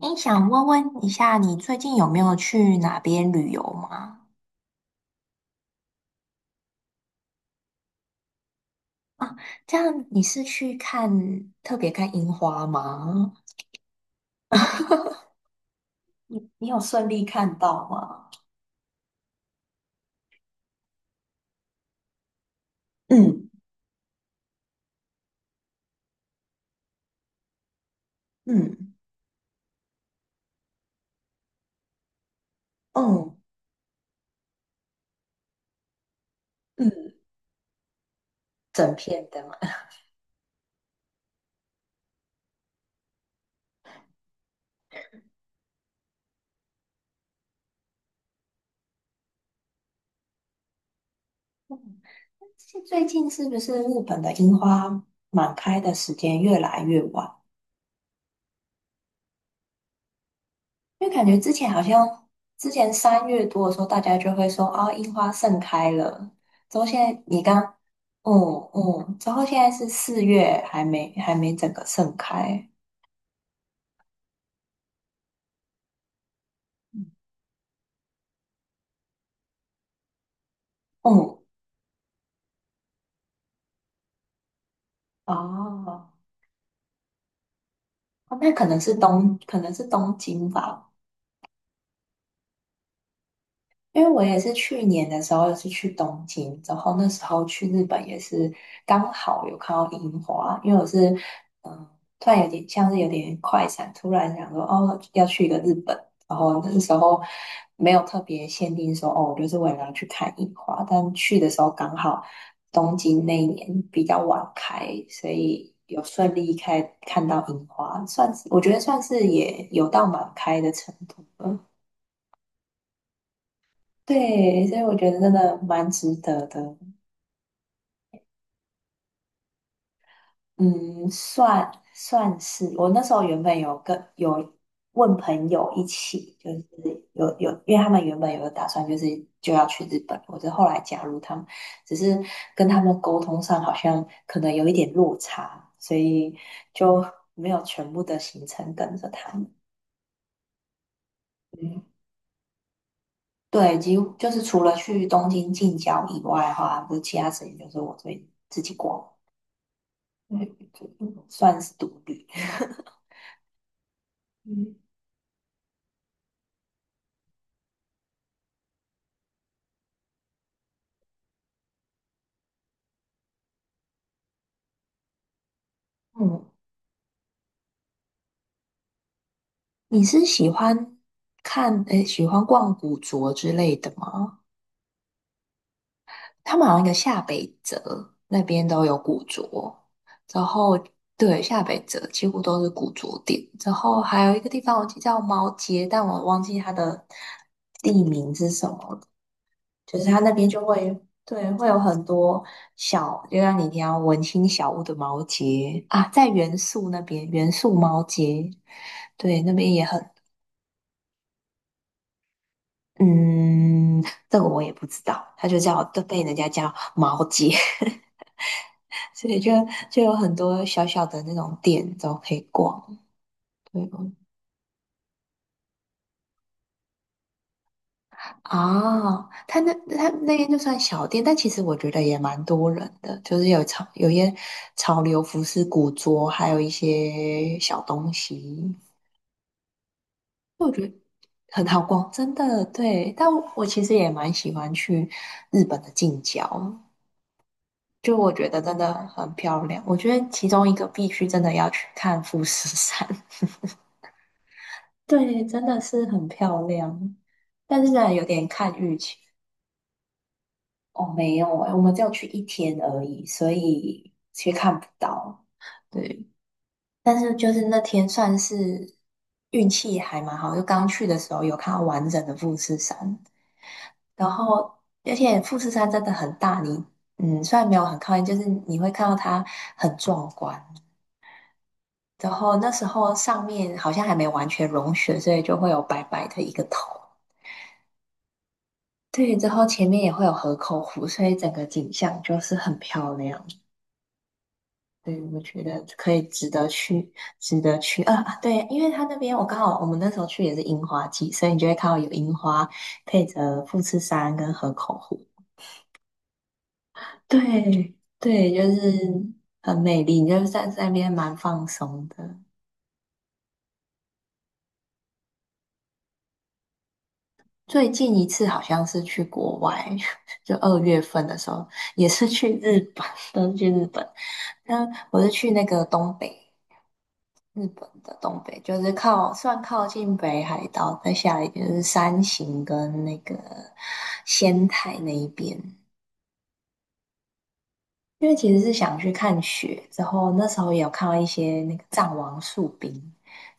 诶，想问问一下，你最近有没有去哪边旅游吗？啊，这样你是去看，特别看樱花吗？你有顺利看到吗？嗯嗯嗯嗯，整片的嘛。嗯是最近是不是日本的樱花满开的时间越来越晚？因为感觉之前好像之前3月多的时候，大家就会说啊，樱花盛开了。之后现在你刚，嗯嗯，之后现在是4月，还没整个盛开。嗯，哦，哦，那可能是东，可能是东京吧。因为我也是去年的时候是去东京，然后那时候去日本也是刚好有看到樱花，因为我是嗯，突然有点像是有点快闪，突然想说哦要去一个日本，然后那时候没有特别限定说哦，我就是为了要去看樱花，但去的时候刚好东京那一年比较晚开，所以有顺利开看到樱花，算是我觉得算是也有到满开的程度了。对，所以我觉得真的蛮值得的。嗯，算是我那时候原本有问朋友一起，就是有，因为他们原本有个打算，就是就要去日本，我就后来加入他们，只是跟他们沟通上好像可能有一点落差，所以就没有全部的行程跟着他们。嗯，对，几乎就是除了去东京近郊以外的话，就其他时间就是我自己逛。嗯算是独立。嗯，嗯你是喜欢诶，喜欢逛古着之类的吗？他们好像一个下北泽那边都有古着，然后对，下北泽几乎都是古着店，然后还有一个地方我记得叫猫街，但我忘记它的地名是什么，就是它那边就会对会有很多小，就像你提到文青小屋的毛节啊，在元素那边元素毛节，对那边也很嗯，这个我也不知道，它就叫都被人家叫毛节，所以就就有很多小小的那种店都可以逛，对，哦，他那他那边就算小店，但其实我觉得也蛮多人的，就是有潮有一些潮流服饰、古着，还有一些小东西，我觉得很好逛，真的对。但我，其实也蛮喜欢去日本的近郊，就我觉得真的很漂亮。我觉得其中一个必须真的要去看富士山，对，真的是很漂亮，但是呢有点看运气。哦，没有诶，我们只有去一天而已，所以其实看不到。对，但是就是那天算是运气还蛮好，就刚去的时候有看到完整的富士山，然后而且富士山真的很大，你嗯虽然没有很靠近，就是你会看到它很壮观。然后那时候上面好像还没完全融雪，所以就会有白白的一个头。对，之后前面也会有河口湖，所以整个景象就是很漂亮。对，我觉得可以值得去，值得去啊！啊对，因为他那边我刚好我们那时候去也是樱花季，所以你就会看到有樱花配着富士山跟河口湖。对对，就是很美丽，你就是在那边蛮放松的。最近一次好像是去国外，就2月份的时候，也是去日本，都是去日本。那我是去那个东北，日本的东北，就是靠算靠近北海道，再下来就是山形跟那个仙台那一边。因为其实是想去看雪，之后那时候也有看到一些那个藏王树冰，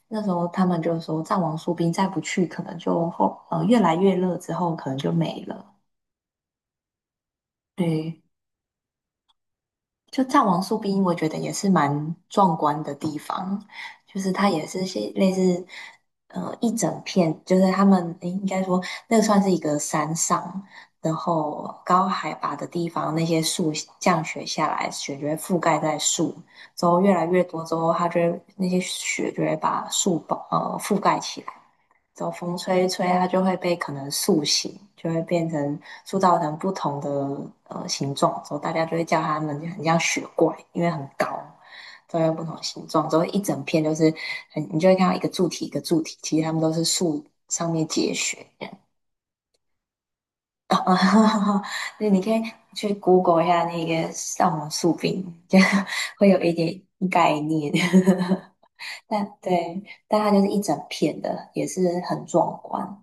那时候他们就说藏王树冰再不去，可能就越来越热之后可能就没了。对，就藏王树冰，我觉得也是蛮壮观的地方，就是它也是些类似，呃，一整片，就是他们，诶，应该说那个算是一个山上，然后高海拔的地方，那些树降雪下来，雪就会覆盖在树，之后越来越多之后，它就会那些雪就会把树覆盖起来，走风吹一吹，它就会被可能塑形，就会变成塑造成不同的呃形状，之后大家就会叫它们很像雪怪，因为很高，都有不同的形状，之后一整片都是很，你就会看到一个柱体一个柱体，其实它们都是树上面结雪。对，你可以去 Google 一下那个上网树冰，就会有一点概念。但对，但它就是一整片的，也是很壮观。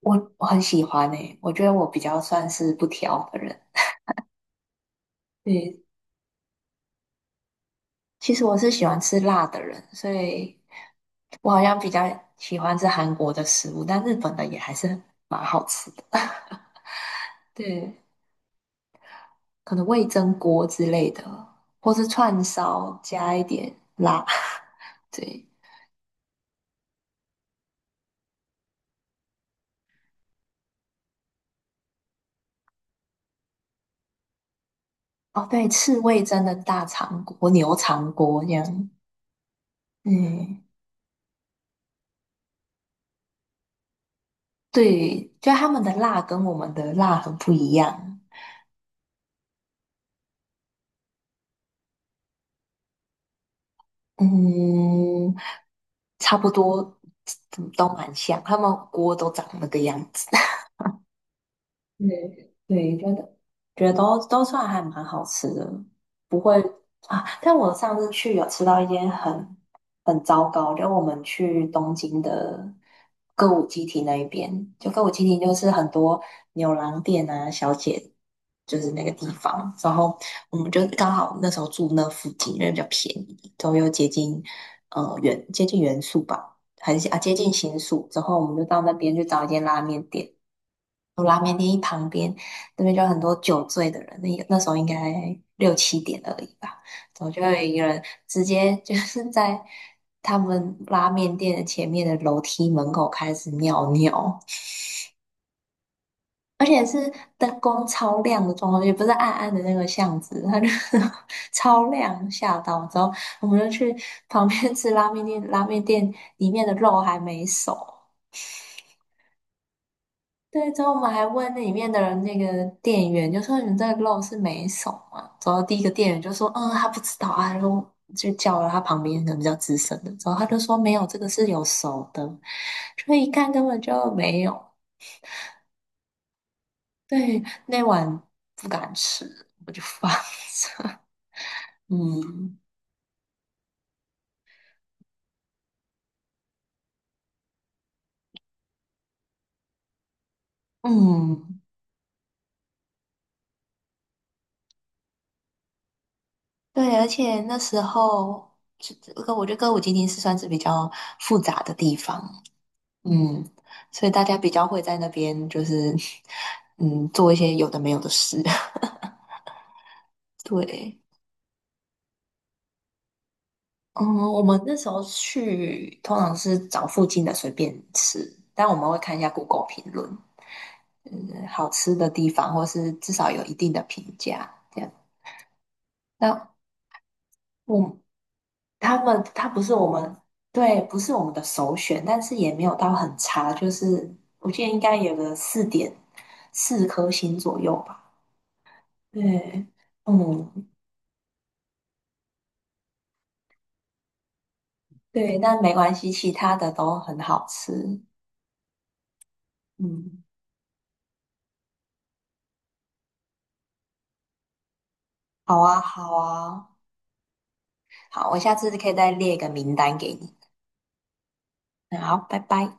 我很喜欢诶，我觉得我比较算是不挑的人。对，其实我是喜欢吃辣的人，所以我好像比较喜欢吃韩国的食物，但日本的也还是蛮好吃的。对，可能味噌锅之类的，或是串烧加一点辣。对，哦对，赤味噌的大肠锅、牛肠锅这样。嗯，对，就他们的辣跟我们的辣很不一样。嗯，差不多，都蛮像，他们锅都长那个样子。对，对，觉得都算还蛮好吃的，不会啊。但我上次去有吃到一间很很糟糕，就我们去东京的歌舞伎町那一边，就歌舞伎町就是很多牛郎店啊、小姐，就是那个地方。然后我们就刚好那时候住那附近，因为比较便宜，都又接近接近原宿吧，很是啊接近新宿。之后我们就到那边去找一间拉面店。有拉面店一旁边，那边就有很多酒醉的人，那时候应该六七点而已吧，然后就有一个人直接 就是在他们拉面店的前面的楼梯门口开始尿尿，而且是灯光超亮的状况，也不是暗暗的那个巷子，它就是 超亮，吓到。之后我们就去旁边吃拉面店，拉面店里面的肉还没熟，对，之后我们还问那里面的人，那个店员就说："你们这个肉是没熟吗？"之后第一个店员就说："嗯，他不知道啊。"然后就叫了他旁边可能比较资深的，之后他就说："没有，这个是有熟的。"所以一看根本就没有。对，那碗不敢吃，我就放着。嗯嗯，对，而且那时候这个，我觉得歌舞伎町是算是比较复杂的地方，嗯，所以大家比较会在那边就是 做一些有的没有的事。对，嗯，我们那时候去通常是找附近的随便吃，但我们会看一下 Google 评论，嗯，好吃的地方或是至少有一定的评价这样。那我他不是我们，对，不是我们的首选，但是也没有到很差，就是我记得应该有个4.4颗星左右吧。对，嗯，对，但没关系，其他的都很好吃。嗯，好啊，好啊，好，我下次可以再列一个名单给你。嗯好，拜拜。